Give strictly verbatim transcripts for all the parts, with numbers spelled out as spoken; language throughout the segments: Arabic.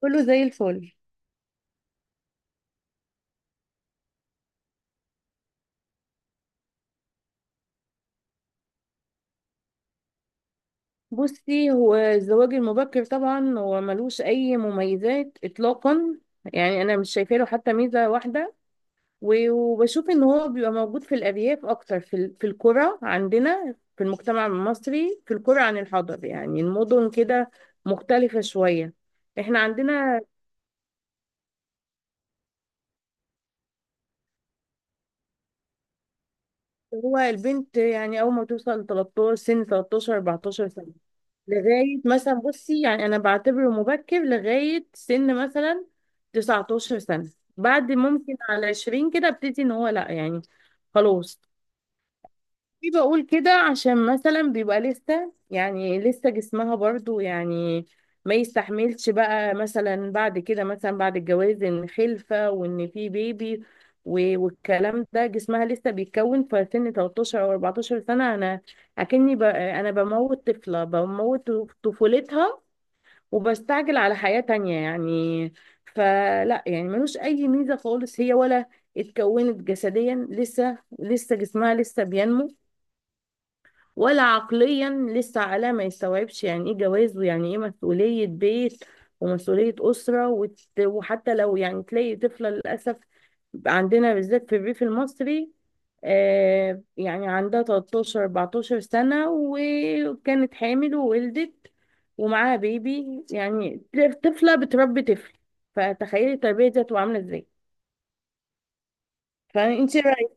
كله زي الفل. بصي، هو الزواج المبكر طبعا هو ملوش اي مميزات اطلاقا. يعني انا مش شايفه له حتى ميزه واحده. و- وبشوف ان هو بيبقى موجود في الارياف اكتر، في ال- في القرى عندنا في المجتمع المصري، في القرى عن الحضر يعني المدن كده مختلفه شويه. احنا عندنا هو البنت يعني اول ما توصل تلتاشر، سن تلتاشر أربعة عشر سنة سنه لغاية مثلا، بصي يعني أنا بعتبره مبكر لغاية سن مثلا 19 سنة. بعد ممكن على عشرين كده ابتدي إن هو لأ يعني خلاص. في بقول كده عشان مثلا بيبقى لسه، يعني لسه جسمها برضو يعني ما يستحملش بقى، مثلا بعد كده مثلا بعد الجواز ان خلفة وان في بيبي. و- والكلام ده جسمها لسه بيتكون في سن تلتاشر او 14 سنة. انا اكني ب... انا بموت طفلة، بموت طفولتها، وبستعجل على حياة تانية يعني. فلا يعني ملوش اي ميزة خالص، هي ولا اتكونت جسديا، لسه لسه جسمها لسه بينمو، ولا عقليا لسه، على ما يستوعبش يعني ايه جواز ويعني ايه مسؤولية بيت ومسؤولية أسرة. وت- وحتى لو يعني تلاقي طفلة للأسف عندنا بالذات في الريف المصري آه يعني عندها تلتاشر 14 سنة وكانت حامل وولدت ومعاها بيبي يعني، طفلة بتربي طفل. فتخيلي التربية دي هتبقى عاملة ازاي. فانت رأيك.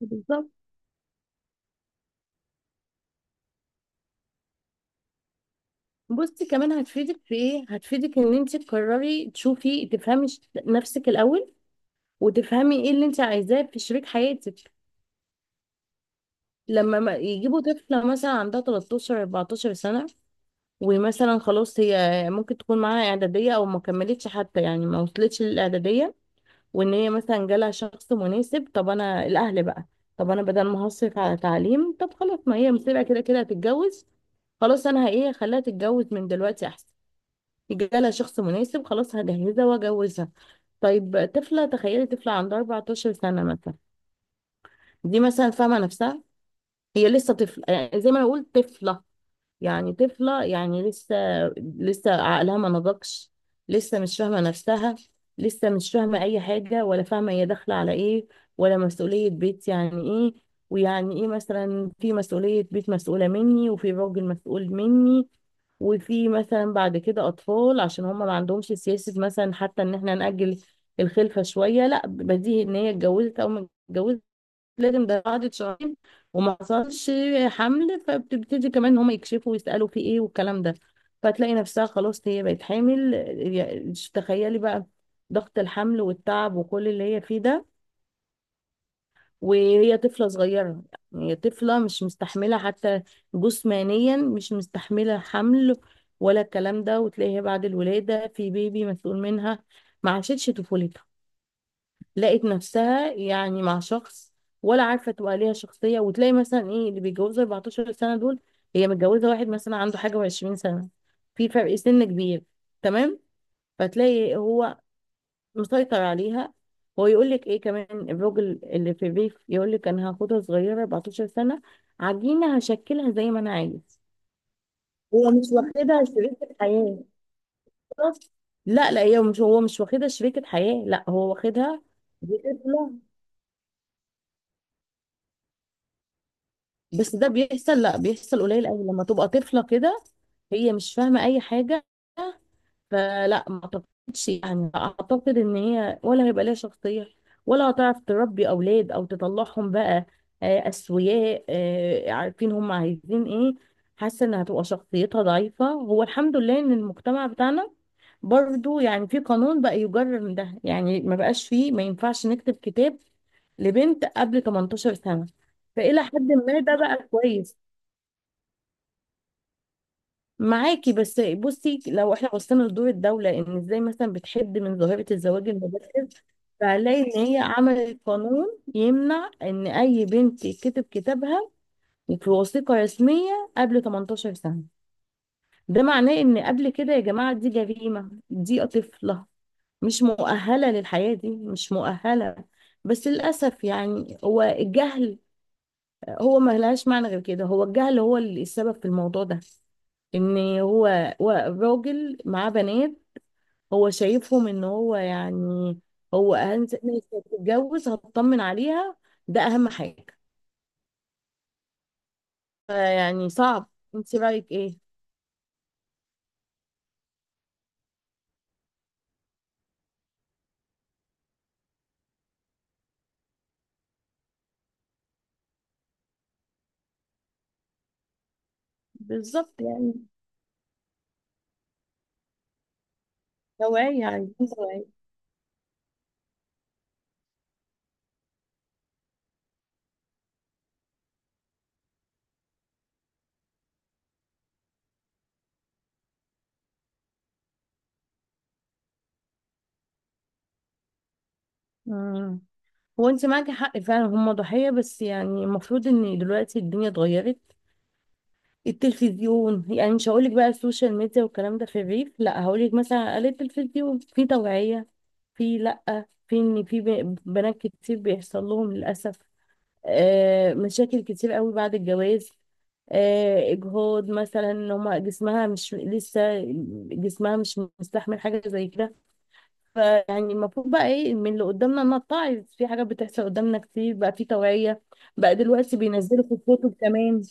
بالظبط. بصي كمان هتفيدك في ايه، هتفيدك ان انت تقرري تشوفي تفهمي ش- نفسك الاول، وتفهمي ايه اللي انت عايزاه في شريك حياتك. لما ما- يجيبوا طفلة مثلا عندها تلتاشر 14 سنة، ومثلا خلاص هي ممكن تكون معاها اعدادية او ما كملتش حتى، يعني ما وصلتش للاعدادية، وان هي مثلا جالها شخص مناسب. طب انا الاهل بقى، طب انا بدل ما هصرف على تعليم، طب خلاص ما هي مسيبة، كده كده هتتجوز، خلاص انا ايه، خليها تتجوز من دلوقتي احسن، جالها شخص مناسب خلاص هجهزها واجوزها. طيب طفله، تخيلي طفله عندها أربعة عشر سنة سنه مثلا، دي مثلا فاهمه نفسها؟ هي لسه طفله، يعني زي ما انا اقول طفله يعني، طفلة يعني لسه لسه عقلها ما نضجش، لسه مش فاهمة نفسها، لسه مش فاهمة أي حاجة، ولا فاهمة هي داخلة على إيه، ولا مسؤولية بيت يعني إيه، ويعني إيه مثلا في مسؤولية بيت مسؤولة مني وفي راجل مسؤول مني، وفي مثلا بعد كده أطفال، عشان هم ما عندهمش سياسة مثلا حتى إن إحنا نأجل الخلفة شوية، لا بديهي إن هي اتجوزت أو ما اتجوزت لازم، ده قعدت شهرين وما حصلش حمل فبتبتدي كمان ان هم يكشفوا ويسألوا في ايه والكلام ده. فتلاقي نفسها خلاص هي بقت حامل. يا- تخيلي بقى ضغط الحمل والتعب وكل اللي هي فيه ده، وهي طفلة صغيرة. يعني هي طفلة مش مستحملة حتى، جسمانيا مش مستحملة حمل ولا الكلام ده. وتلاقيها بعد الولادة في بيبي مسؤول منها، ما عاشتش طفولتها، لقت نفسها يعني مع شخص، ولا عارفه تبقى ليها شخصيه. وتلاقي مثلا ايه اللي بيتجوزوا اربعطاشر سنة سنه دول، هي متجوزه واحد مثلا عنده حاجه وعشرين سنة، في فرق سن كبير، تمام؟ فتلاقي هو مسيطر عليها. هو يقول لك ايه كمان، الراجل اللي في الريف يقول لك انا هاخدها صغيره أربعة عشر سنة سنه، عجينه هشكلها زي ما انا عايز. هو مش واخدها شريكة حياة، لا لا، هي مش هو مش واخدها شريكة حياة، لا هو واخدها دي طفلة. بس ده بيحصل، لا بيحصل قليل قوي لما تبقى طفلة كده، هي مش فاهمة أي حاجة. فلا ما اعتقدش، يعني اعتقد ان هي ولا هيبقى ليها شخصية، ولا هتعرف تربي اولاد او تطلعهم بقى آه، اسوياء آه، عارفين هم عايزين ايه. حاسة انها هتبقى شخصيتها ضعيفة. هو الحمد لله ان المجتمع بتاعنا برضو يعني في قانون بقى يجرر من ده، يعني ما بقاش فيه، ما ينفعش نكتب كتاب لبنت قبل 18 سنة، فإلى حد ما ده بقى كويس. معاكي، بس بصي لو احنا بصينا لدور الدولة، ان ازاي مثلا بتحد من ظاهرة الزواج المبكر، فهنلاقي ان هي عملت قانون يمنع ان اي بنت يتكتب كتابها في وثيقة رسمية قبل 18 سنة. ده معناه ان قبل كده يا جماعة دي جريمة، دي طفلة مش مؤهلة للحياة دي، مش مؤهلة. بس للأسف يعني هو الجهل، هو ما لهاش معنى غير كده، هو الجهل هو اللي السبب في الموضوع ده. ان هو هو راجل معاه بنات، هو شايفهم ان هو يعني هو اهم ناس هتتجوز هتطمن عليها، ده اهم حاجه. فيعني صعب. انت رايك ايه؟ بالظبط يعني، توعيه، عايزين توعيه. مم. هو انت معاكي حق فعلا، هم ضحيه، بس يعني المفروض ان دلوقتي الدنيا اتغيرت. التلفزيون يعني، مش هقولك بقى السوشيال ميديا والكلام ده في الريف، لا هقولك مثلا على التلفزيون في توعية. في، لا في، ان في ب- بنات كتير بيحصل لهم للأسف آه، مشاكل كتير قوي بعد الجواز، آه، اجهاض مثلا، ان هما جسمها مش لسه، جسمها مش مستحمل حاجه زي كده. فيعني المفروض بقى ايه، من اللي قدامنا نتعظ، في حاجات بتحصل قدامنا كتير. بقى في توعيه بقى دلوقتي، بينزلوا في الكتب كمان.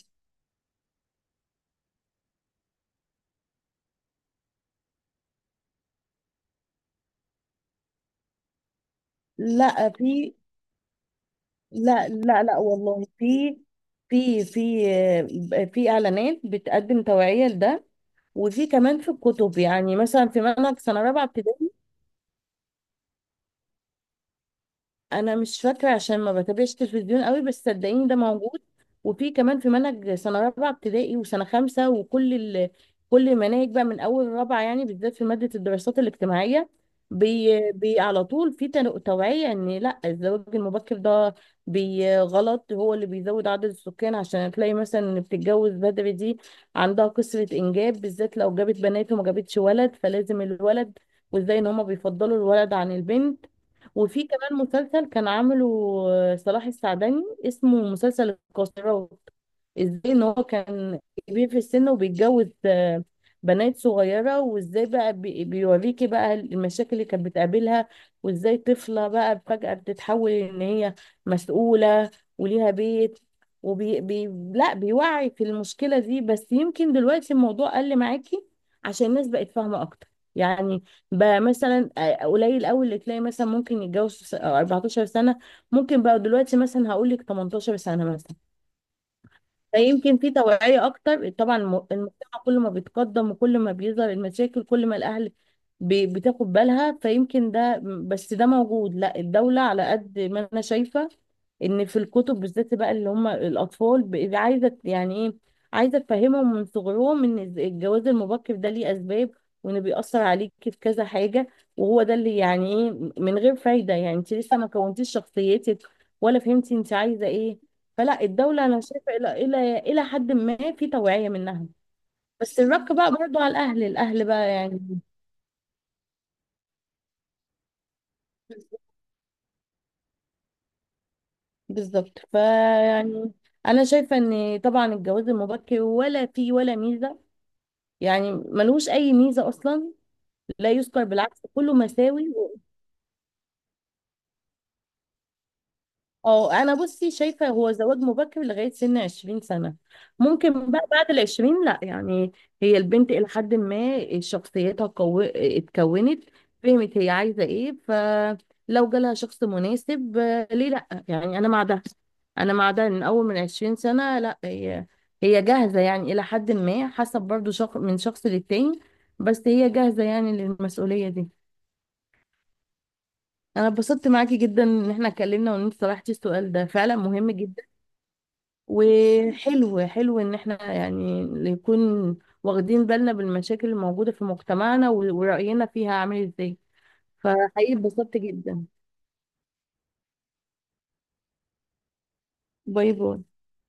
لا في، لا لا لا والله في، في، في، آه، في اعلانات بتقدم توعية لده، وفي كمان في الكتب، يعني مثلا في منهج سنة رابعة ابتدائي. انا مش فاكره عشان ما بتابعش تلفزيون قوي، بس صدقيني ده موجود. وفي كمان في منهج سنه رابعه ابتدائي وسنه خمسه وكل ال... كل المناهج بقى من اول رابعه، يعني بالذات في ماده الدراسات الاجتماعيه، بي... بي على طول في تنو- توعيه ان لا الزواج المبكر ده بي غلط، هو اللي بيزود عدد السكان. عشان تلاقي مثلا اللي بتتجوز بدري دي عندها كثره انجاب، بالذات لو جابت بنات وما جابتش ولد، فلازم الولد. وازاي ان هما بيفضلوا الولد عن البنت. وفي كمان مسلسل كان عامله آه، صلاح السعدني، اسمه مسلسل القاصرات، ازاي ان هو كان كبير في السن وبيتجوز آه، بنات صغيرة، وازاي بقى بي- بيوريكي بقى المشاكل اللي كانت بتقابلها، وازاي طفلة بقى فجأة بتتحول ان هي مسؤولة وليها بيت، وبي بي لا بيوعي في المشكلة دي. بس يمكن دلوقتي الموضوع قل معاكي عشان الناس بقت فاهمة اكتر، يعني بقى مثلا آه، قليل قوي اللي تلاقي مثلا ممكن يتجوز في س- آه، 14 سنة، ممكن بقى دلوقتي مثلا هقول لك 18 سنة مثلا. فيمكن في توعية أكتر. طبعا الم- المجتمع كل ما بيتقدم وكل ما بيظهر المشاكل، كل ما الأهل بي- بتاخد بالها، فيمكن ده. بس ده موجود، لا الدولة على قد ما أنا شايفة ان في الكتب بالذات بقى، اللي هم الاطفال ب- عايزه يعني ايه، عايزه تفهمهم من صغرهم ان الز- الجواز المبكر ده ليه اسباب، وان بيأثر عليك في كذا حاجه، وهو ده اللي يعني ايه من غير فايده، يعني انت لسه ما كونتيش شخصيتك ولا فهمتي انت عايزه ايه. فلا الدوله انا شايفه الى الى الى حد ما في توعيه منها. بس الرق بقى برضو على الاهل، الاهل بقى يعني. بالظبط. فيعني انا شايفه ان طبعا الجواز المبكر ولا فيه ولا ميزه، يعني ملوش اي ميزه اصلا، لا يذكر بالعكس كله مساوي. اه انا بصي شايفه هو زواج مبكر لغايه سن عشرين سنة سنه، ممكن بقى بعد ال العشرين لا يعني، هي البنت الى حد ما شخصيتها قو... اتكونت، فهمت هي عايزه ايه، فلو جالها شخص مناسب آه، ليه لا؟ يعني انا مع ده، انا مع ده من اول من عشرين سنة سنه، لا هي، هي جاهزه يعني، الى حد ما حسب برضو شخص من شخص للتاني، بس هي جاهزه يعني للمسؤوليه دي. انا اتبسطت معاكي جدا ان احنا اتكلمنا، وان انت طرحتي السؤال ده فعلا مهم جدا، وحلو حلو ان احنا يعني نكون واخدين بالنا بالمشاكل الموجودة في مجتمعنا و- ورأينا فيها عامل ازاي. فحقيقي اتبسطت جدا. باي باي.